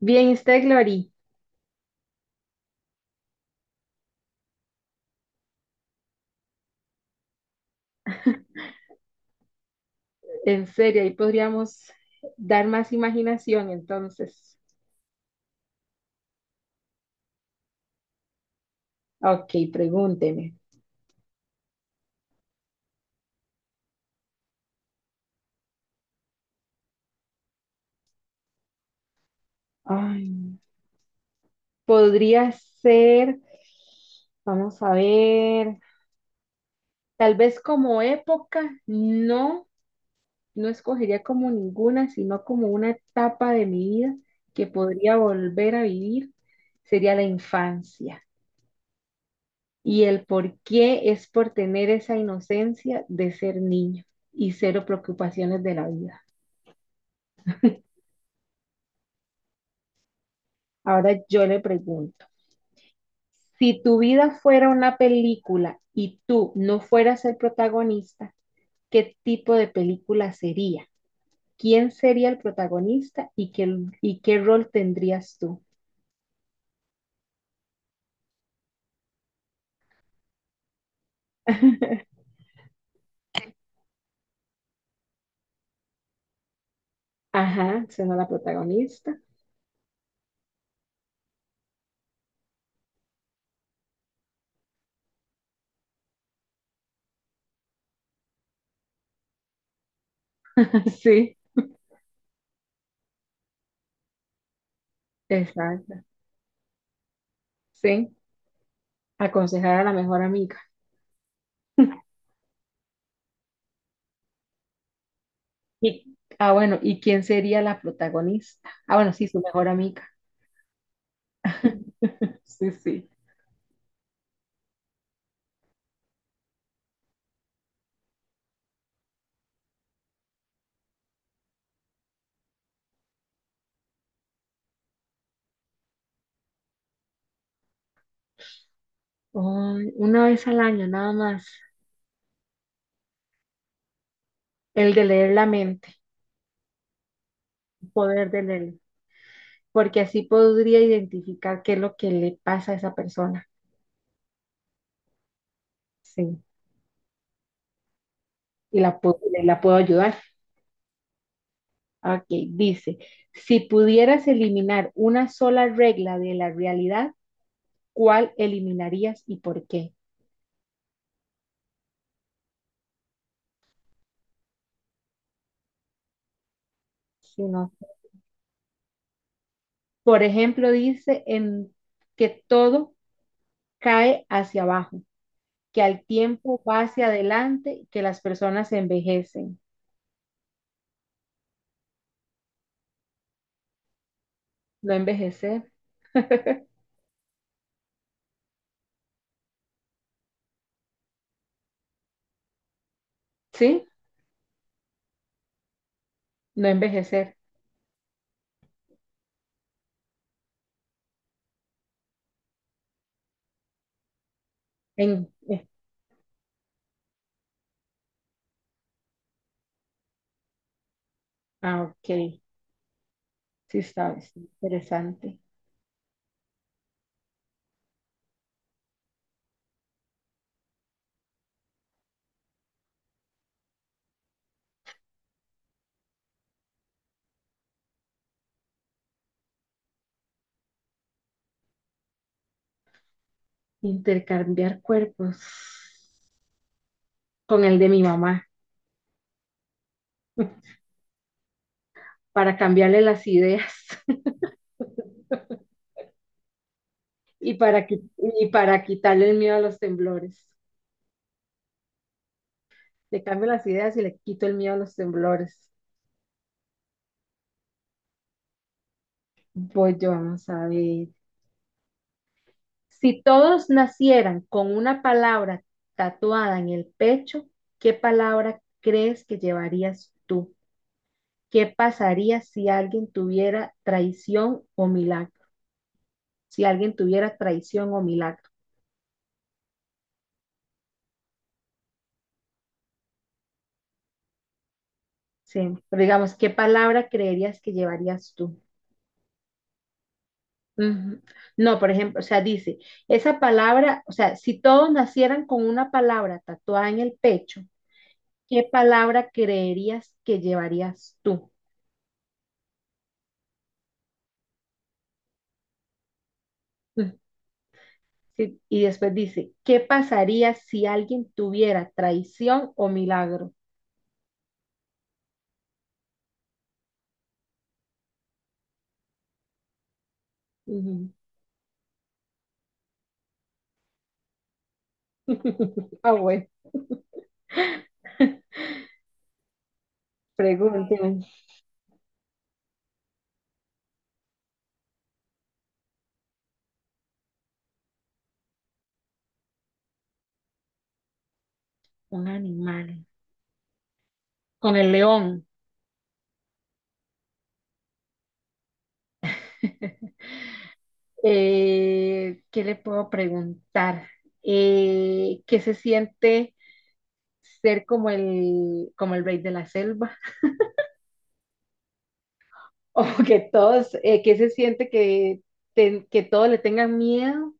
Bien, usted, Glory, en serio, ahí podríamos dar más imaginación, entonces. Ok, pregúnteme. Ay, podría ser, vamos a ver, tal vez como época, no, no escogería como ninguna, sino como una etapa de mi vida que podría volver a vivir, sería la infancia. Y el por qué es por tener esa inocencia de ser niño y cero preocupaciones de la vida. Ahora yo le pregunto, si tu vida fuera una película y tú no fueras el protagonista, ¿qué tipo de película sería? ¿Quién sería el protagonista y qué rol tendrías tú? Ajá, siendo la protagonista. Sí, exacto. Sí, aconsejar a la mejor amiga. Bueno, ¿y quién sería la protagonista? Ah, bueno, sí, su mejor amiga. Sí, sí. Una vez al año, nada más. El de leer la mente, poder de él, porque así podría identificar qué es lo que le pasa a esa persona. Sí, y la puedo ayudar. Ok, dice, si pudieras eliminar una sola regla de la realidad, ¿cuál eliminarías y por qué? Sí, no. Por ejemplo, dice en que todo cae hacia abajo, que al tiempo va hacia adelante, que las personas envejecen. No envejecer, ¿sí? No envejecer. En, eh, ah, ok. Sí, sabes, interesante. Intercambiar cuerpos con el de mi mamá para cambiarle las ideas y para, qui- y para quitarle el miedo a los temblores. Le cambio las ideas y le quito el miedo a los temblores. Voy yo, vamos a ver. Si todos nacieran con una palabra tatuada en el pecho, ¿qué palabra crees que llevarías tú? ¿Qué pasaría si alguien tuviera traición o milagro? Si alguien tuviera traición o milagro. Sí. Pero digamos, ¿qué palabra creerías que llevarías tú? Ujú. No, por ejemplo, o sea, dice, esa palabra, o sea, si todos nacieran con una palabra tatuada en el pecho, ¿qué palabra creerías que llevarías tú? Ujú. Sí. Y después dice, ¿qué pasaría si alguien tuviera traición o milagro? Ujú. Ah, bueno, pregúnteme. Un animal. Con el león. ¿Qué le puedo preguntar? ¿Qué se siente ser como como el rey de la selva? O que todos, ¿qué se siente que todos le tengan miedo,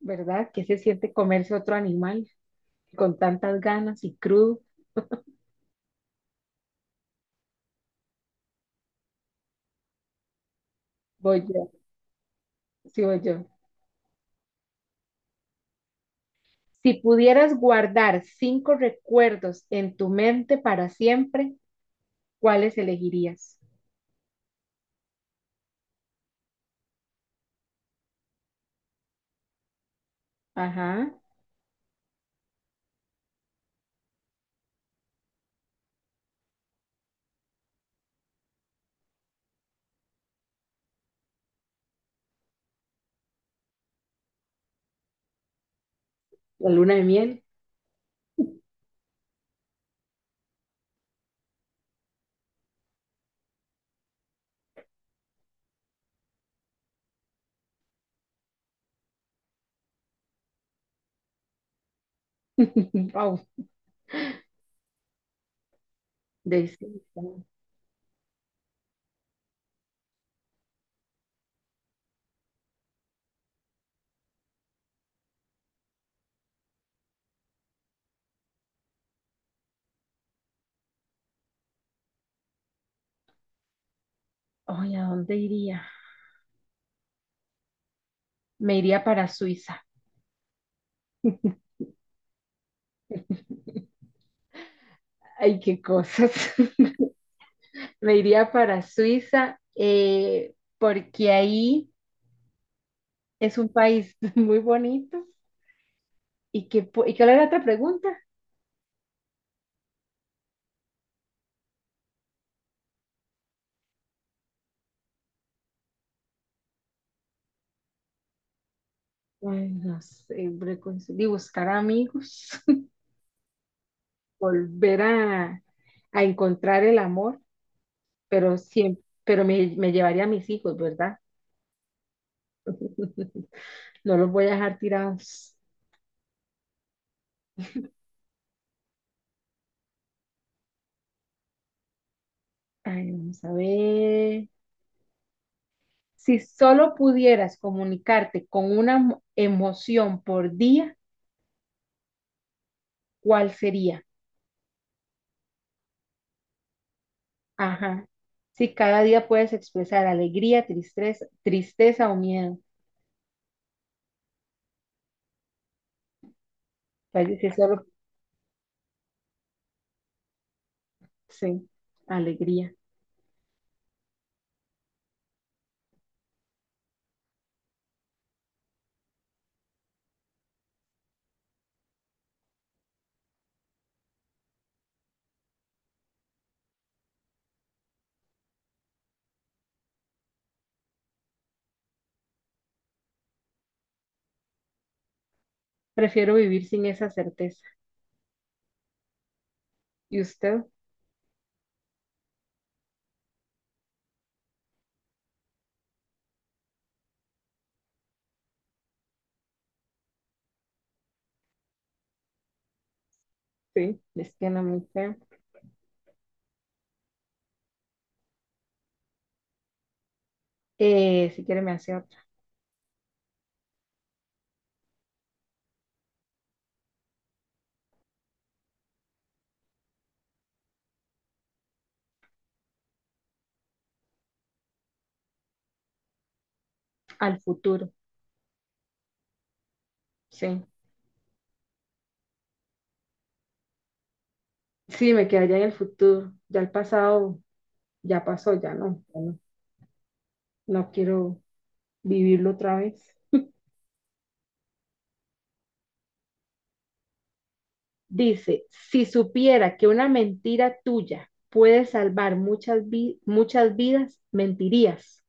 ¿verdad? ¿Qué se siente comerse otro animal con tantas ganas y crudo? Voy yo, sí, voy yo. Si pudieras guardar cinco recuerdos en tu mente para siempre, ¿cuáles elegirías? Ajá, la luna de miel. Wow. De Suiza. Ay, ¿a dónde iría? Me iría para Suiza. Ay, qué cosas. Me iría para Suiza, porque ahí es un país muy bonito. ¿Y cuál era la otra pregunta? Ay, no sé, y buscar amigos, volver a, a encontrar el amor, pero siempre, pero me llevaría a mis hijos, ¿verdad? No los voy a dejar tirados. Ay, vamos a ver. Si solo pudieras comunicarte con una emoción por día, ¿cuál sería? Ajá. Si cada día puedes expresar alegría, tristeza o miedo. Tal vez si solo, sí, alegría. Prefiero vivir sin esa certeza. ¿Y usted? Sí, es que no me creo. Si quiere me hace otra. Al futuro, sí. Sí, me quedaría en el futuro. Ya el pasado, ya pasó, ya no, no quiero vivirlo otra vez. Dice, si supiera que una mentira tuya puede salvar muchas vidas, mentirías.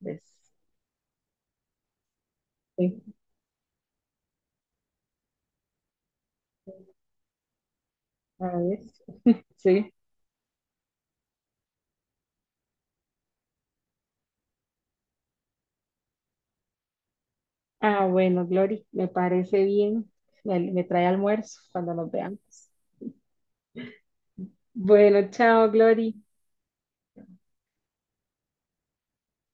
¿Ves? Sí, a ver, sí. Ah, bueno, Glory, me parece bien. Me trae almuerzo cuando nos veamos. Bueno, chao, Glory.